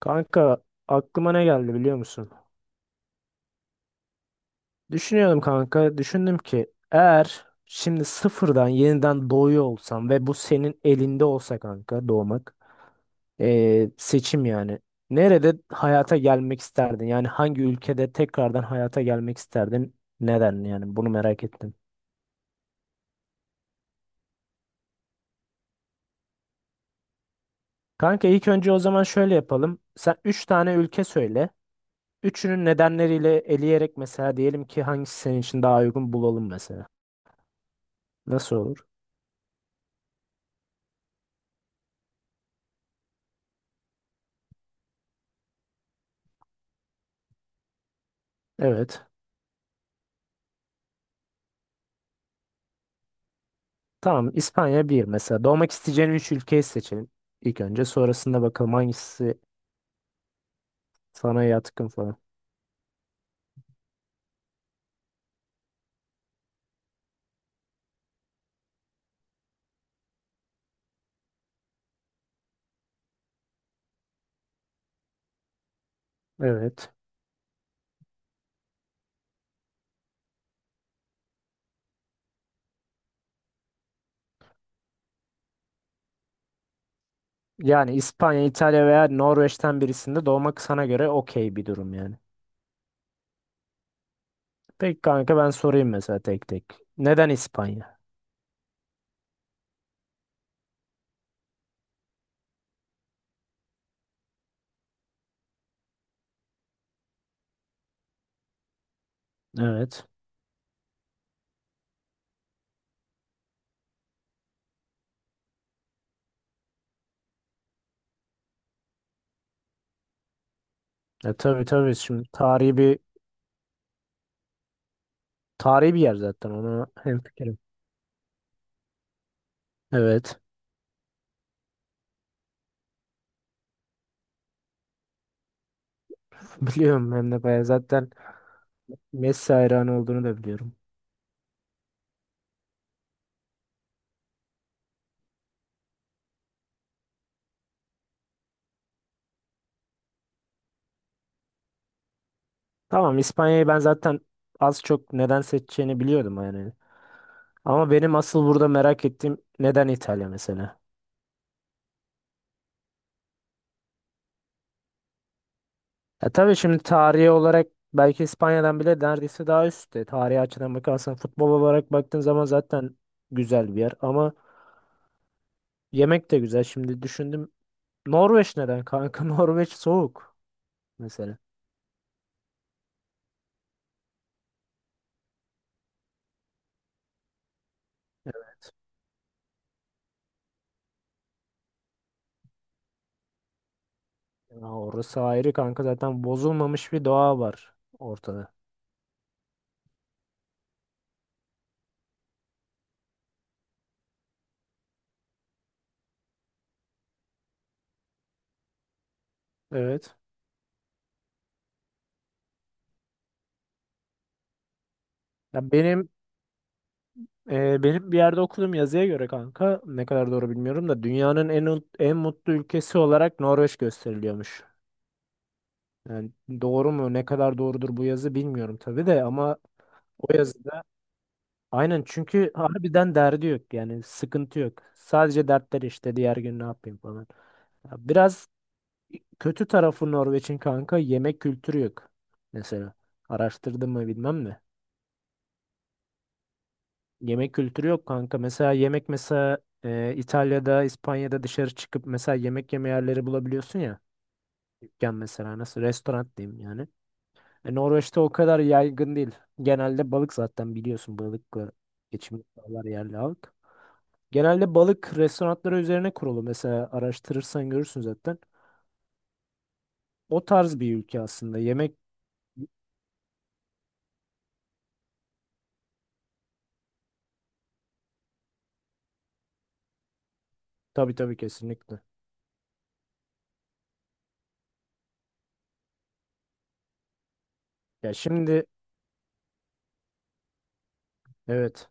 Kanka, aklıma ne geldi biliyor musun? Düşünüyorum kanka. Düşündüm ki eğer şimdi sıfırdan yeniden doğuyor olsam ve bu senin elinde olsa kanka doğmak. Seçim yani. Nerede hayata gelmek isterdin? Yani hangi ülkede tekrardan hayata gelmek isterdin? Neden yani bunu merak ettim. Kanka ilk önce o zaman şöyle yapalım. Sen 3 tane ülke söyle. Üçünün nedenleriyle eleyerek mesela diyelim ki hangisi senin için daha uygun bulalım mesela. Nasıl olur? Evet. Tamam, İspanya bir mesela. Doğmak isteyeceğin üç ülkeyi seçelim ilk önce. Sonrasında bakalım hangisi sana yatkın falan. Evet. Yani İspanya, İtalya veya Norveç'ten birisinde doğmak sana göre okey bir durum yani. Peki kanka, ben sorayım mesela tek tek. Neden İspanya? Evet. E tabii tabii, şimdi tarihi bir tarihi bir yer zaten, ona hemfikirim. Evet. Biliyorum, hem de bayağı zaten Messi hayranı olduğunu da biliyorum. Tamam, İspanya'yı ben zaten az çok neden seçeceğini biliyordum yani. Ama benim asıl burada merak ettiğim, neden İtalya mesela? Ya tabii şimdi tarihi olarak belki İspanya'dan bile neredeyse daha üstte. Tarihi açıdan bakarsan, futbol olarak baktığın zaman zaten güzel bir yer. Ama yemek de güzel. Şimdi düşündüm. Norveç neden kanka? Norveç soğuk mesela. Ya orası ayrı kanka, zaten bozulmamış bir doğa var ortada. Evet. Ya benim benim bir yerde okudum, yazıya göre kanka, ne kadar doğru bilmiyorum da, dünyanın en mutlu ülkesi olarak Norveç gösteriliyormuş. Yani doğru mu, ne kadar doğrudur bu yazı bilmiyorum tabii de, ama o yazıda aynen, çünkü harbiden derdi yok yani, sıkıntı yok. Sadece dertler işte diğer gün ne yapayım falan. Ya biraz kötü tarafı Norveç'in kanka, yemek kültürü yok mesela. Araştırdım mı bilmem de. Yemek kültürü yok kanka. Mesela yemek mesela İtalya'da, İspanya'da dışarı çıkıp mesela yemek yeme yerleri bulabiliyorsun ya. Dükkan mesela, nasıl, restoran diyeyim yani. E, Norveç'te o kadar yaygın değil. Genelde balık, zaten biliyorsun balıkla geçimini sağlar yerli halk. Genelde balık restoranları üzerine kurulu. Mesela araştırırsan görürsün zaten. O tarz bir ülke aslında. Yemek tabii tabii, kesinlikle. Ya şimdi evet.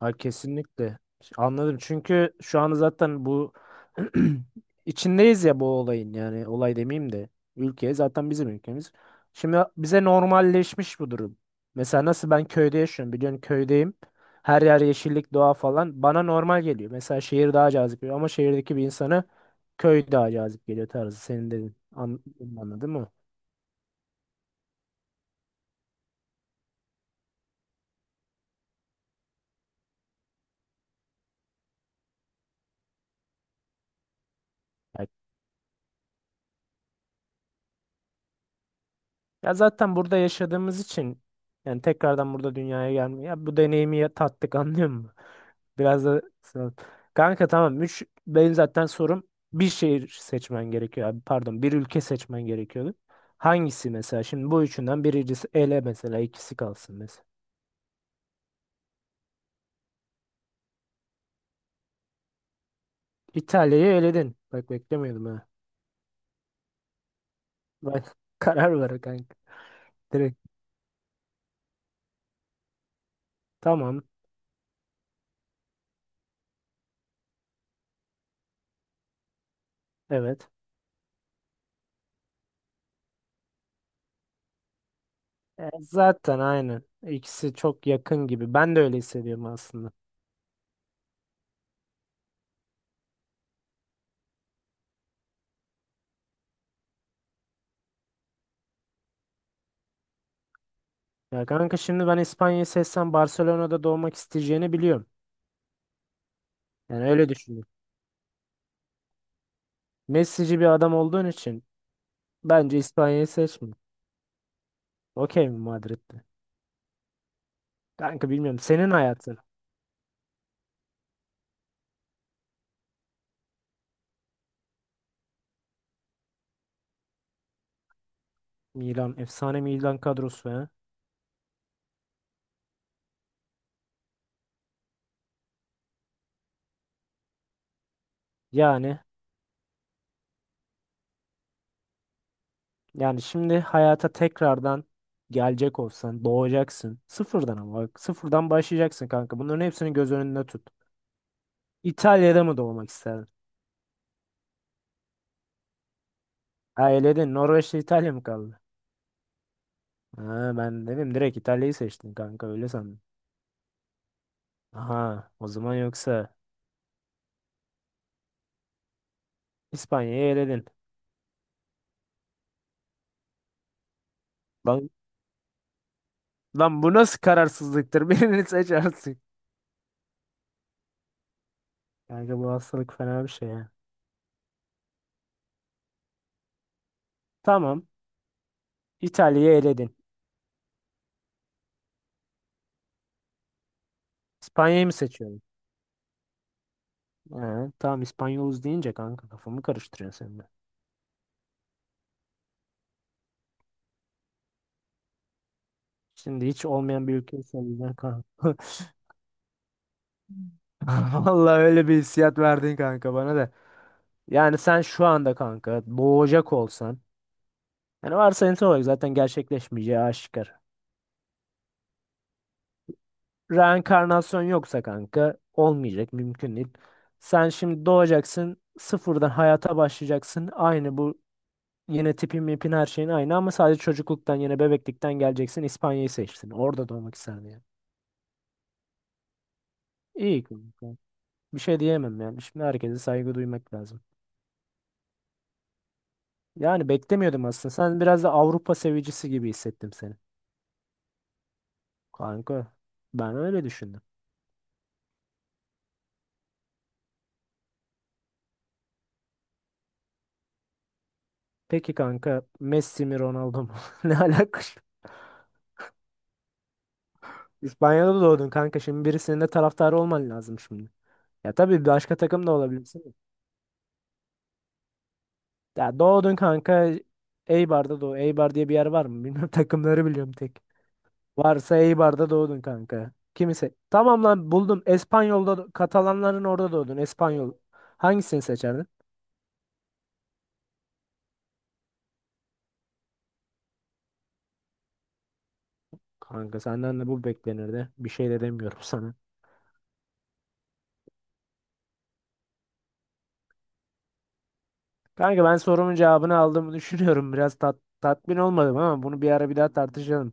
Ha, kesinlikle. Anladım. Çünkü şu an zaten bu içindeyiz ya bu olayın, yani olay demeyeyim de, ülke zaten bizim ülkemiz. Şimdi bize normalleşmiş bu durum. Mesela nasıl ben köyde yaşıyorum, biliyorsun köydeyim. Her yer yeşillik, doğa falan bana normal geliyor. Mesela şehir daha cazip geliyor, ama şehirdeki bir insanı köy daha cazip geliyor tarzı, senin dedin. Anladın mı? Ya ya, zaten burada yaşadığımız için yani tekrardan burada dünyaya gelmiyor. Ya bu deneyimi tattık, anlıyor musun? Biraz da sağ ol. Kanka tamam. Üç, benim zaten sorum, bir şehir seçmen gerekiyor abi. Pardon, bir ülke seçmen gerekiyordu. Hangisi mesela? Şimdi bu üçünden birincisi ele mesela, ikisi kalsın mesela. İtalya'yı eledin. Bak, beklemiyordum ha. Bak, karar ver kanka. Direkt. Tamam. Evet. E, zaten aynen. İkisi çok yakın gibi. Ben de öyle hissediyorum aslında. Ya kanka şimdi ben İspanya'yı seçsem Barcelona'da doğmak isteyeceğini biliyorum. Yani öyle düşünüyorum. Messi'ci bir adam olduğun için, bence İspanya'yı seçme. Okey mi Madrid'de? Kanka bilmiyorum. Senin hayatın. Milan. Efsane Milan kadrosu, ha. Yani. Yani şimdi hayata tekrardan gelecek olsan. Doğacaksın. Sıfırdan ama. Bak, sıfırdan başlayacaksın kanka. Bunların hepsini göz önünde tut. İtalya'da mı doğmak isterdin? Ha, eledin. Norveç'te İtalya mı kaldı? Ha, ben dedim direkt İtalya'yı seçtin kanka. Öyle sandım. Aha, o zaman yoksa İspanya'yı eledin. Lan, lan bu nasıl kararsızlıktır? Birini seç artık. Kanka bu hastalık fena bir şey ya. Tamam. İtalya'yı eledin. İspanya'yı mı seçiyorum? Tamam, İspanyoluz deyince kanka kafamı karıştırıyorsun sen de. Şimdi hiç olmayan bir ülke söyleyeceksin kanka. Vallahi öyle bir hissiyat verdin kanka bana da. Yani sen şu anda kanka boğacak olsan. Yani varsayımsal olarak zaten gerçekleşmeyeceği aşikar. Reenkarnasyon yoksa kanka olmayacak, mümkün değil. Sen şimdi doğacaksın, sıfırdan hayata başlayacaksın. Aynı bu, yine tipin mipin her şeyin aynı, ama sadece çocukluktan yine bebeklikten geleceksin. İspanya'yı seçsin. Orada doğmak isterdim yani. İyi kanka. Bir şey diyemem yani. Şimdi herkese saygı duymak lazım. Yani beklemiyordum aslında. Sen biraz da Avrupa sevicisi gibi hissettim seni. Kanka ben öyle düşündüm. Peki kanka, Messi mi Ronaldo mu? Ne alaka şimdi? İspanya'da doğdun kanka. Şimdi birisinin de taraftarı olman lazım şimdi. Ya tabii başka takım da olabilirsin de. Ya doğdun kanka, Eibar'da doğ. Eibar diye bir yer var mı? Bilmiyorum, takımları biliyorum tek. Varsa Eibar'da doğdun kanka. Kimse. Tamam lan, buldum. Katalanların orada doğdun. Espanyol. Hangisini seçerdin? Kanka senden de bu beklenirdi. Bir şey de demiyorum sana. Kanka, ben sorumun cevabını aldığımı düşünüyorum. Biraz tatmin olmadım, ama bunu bir ara bir daha tartışalım.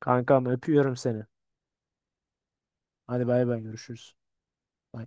Kankam, öpüyorum seni. Hadi bay bay, görüşürüz. Bay.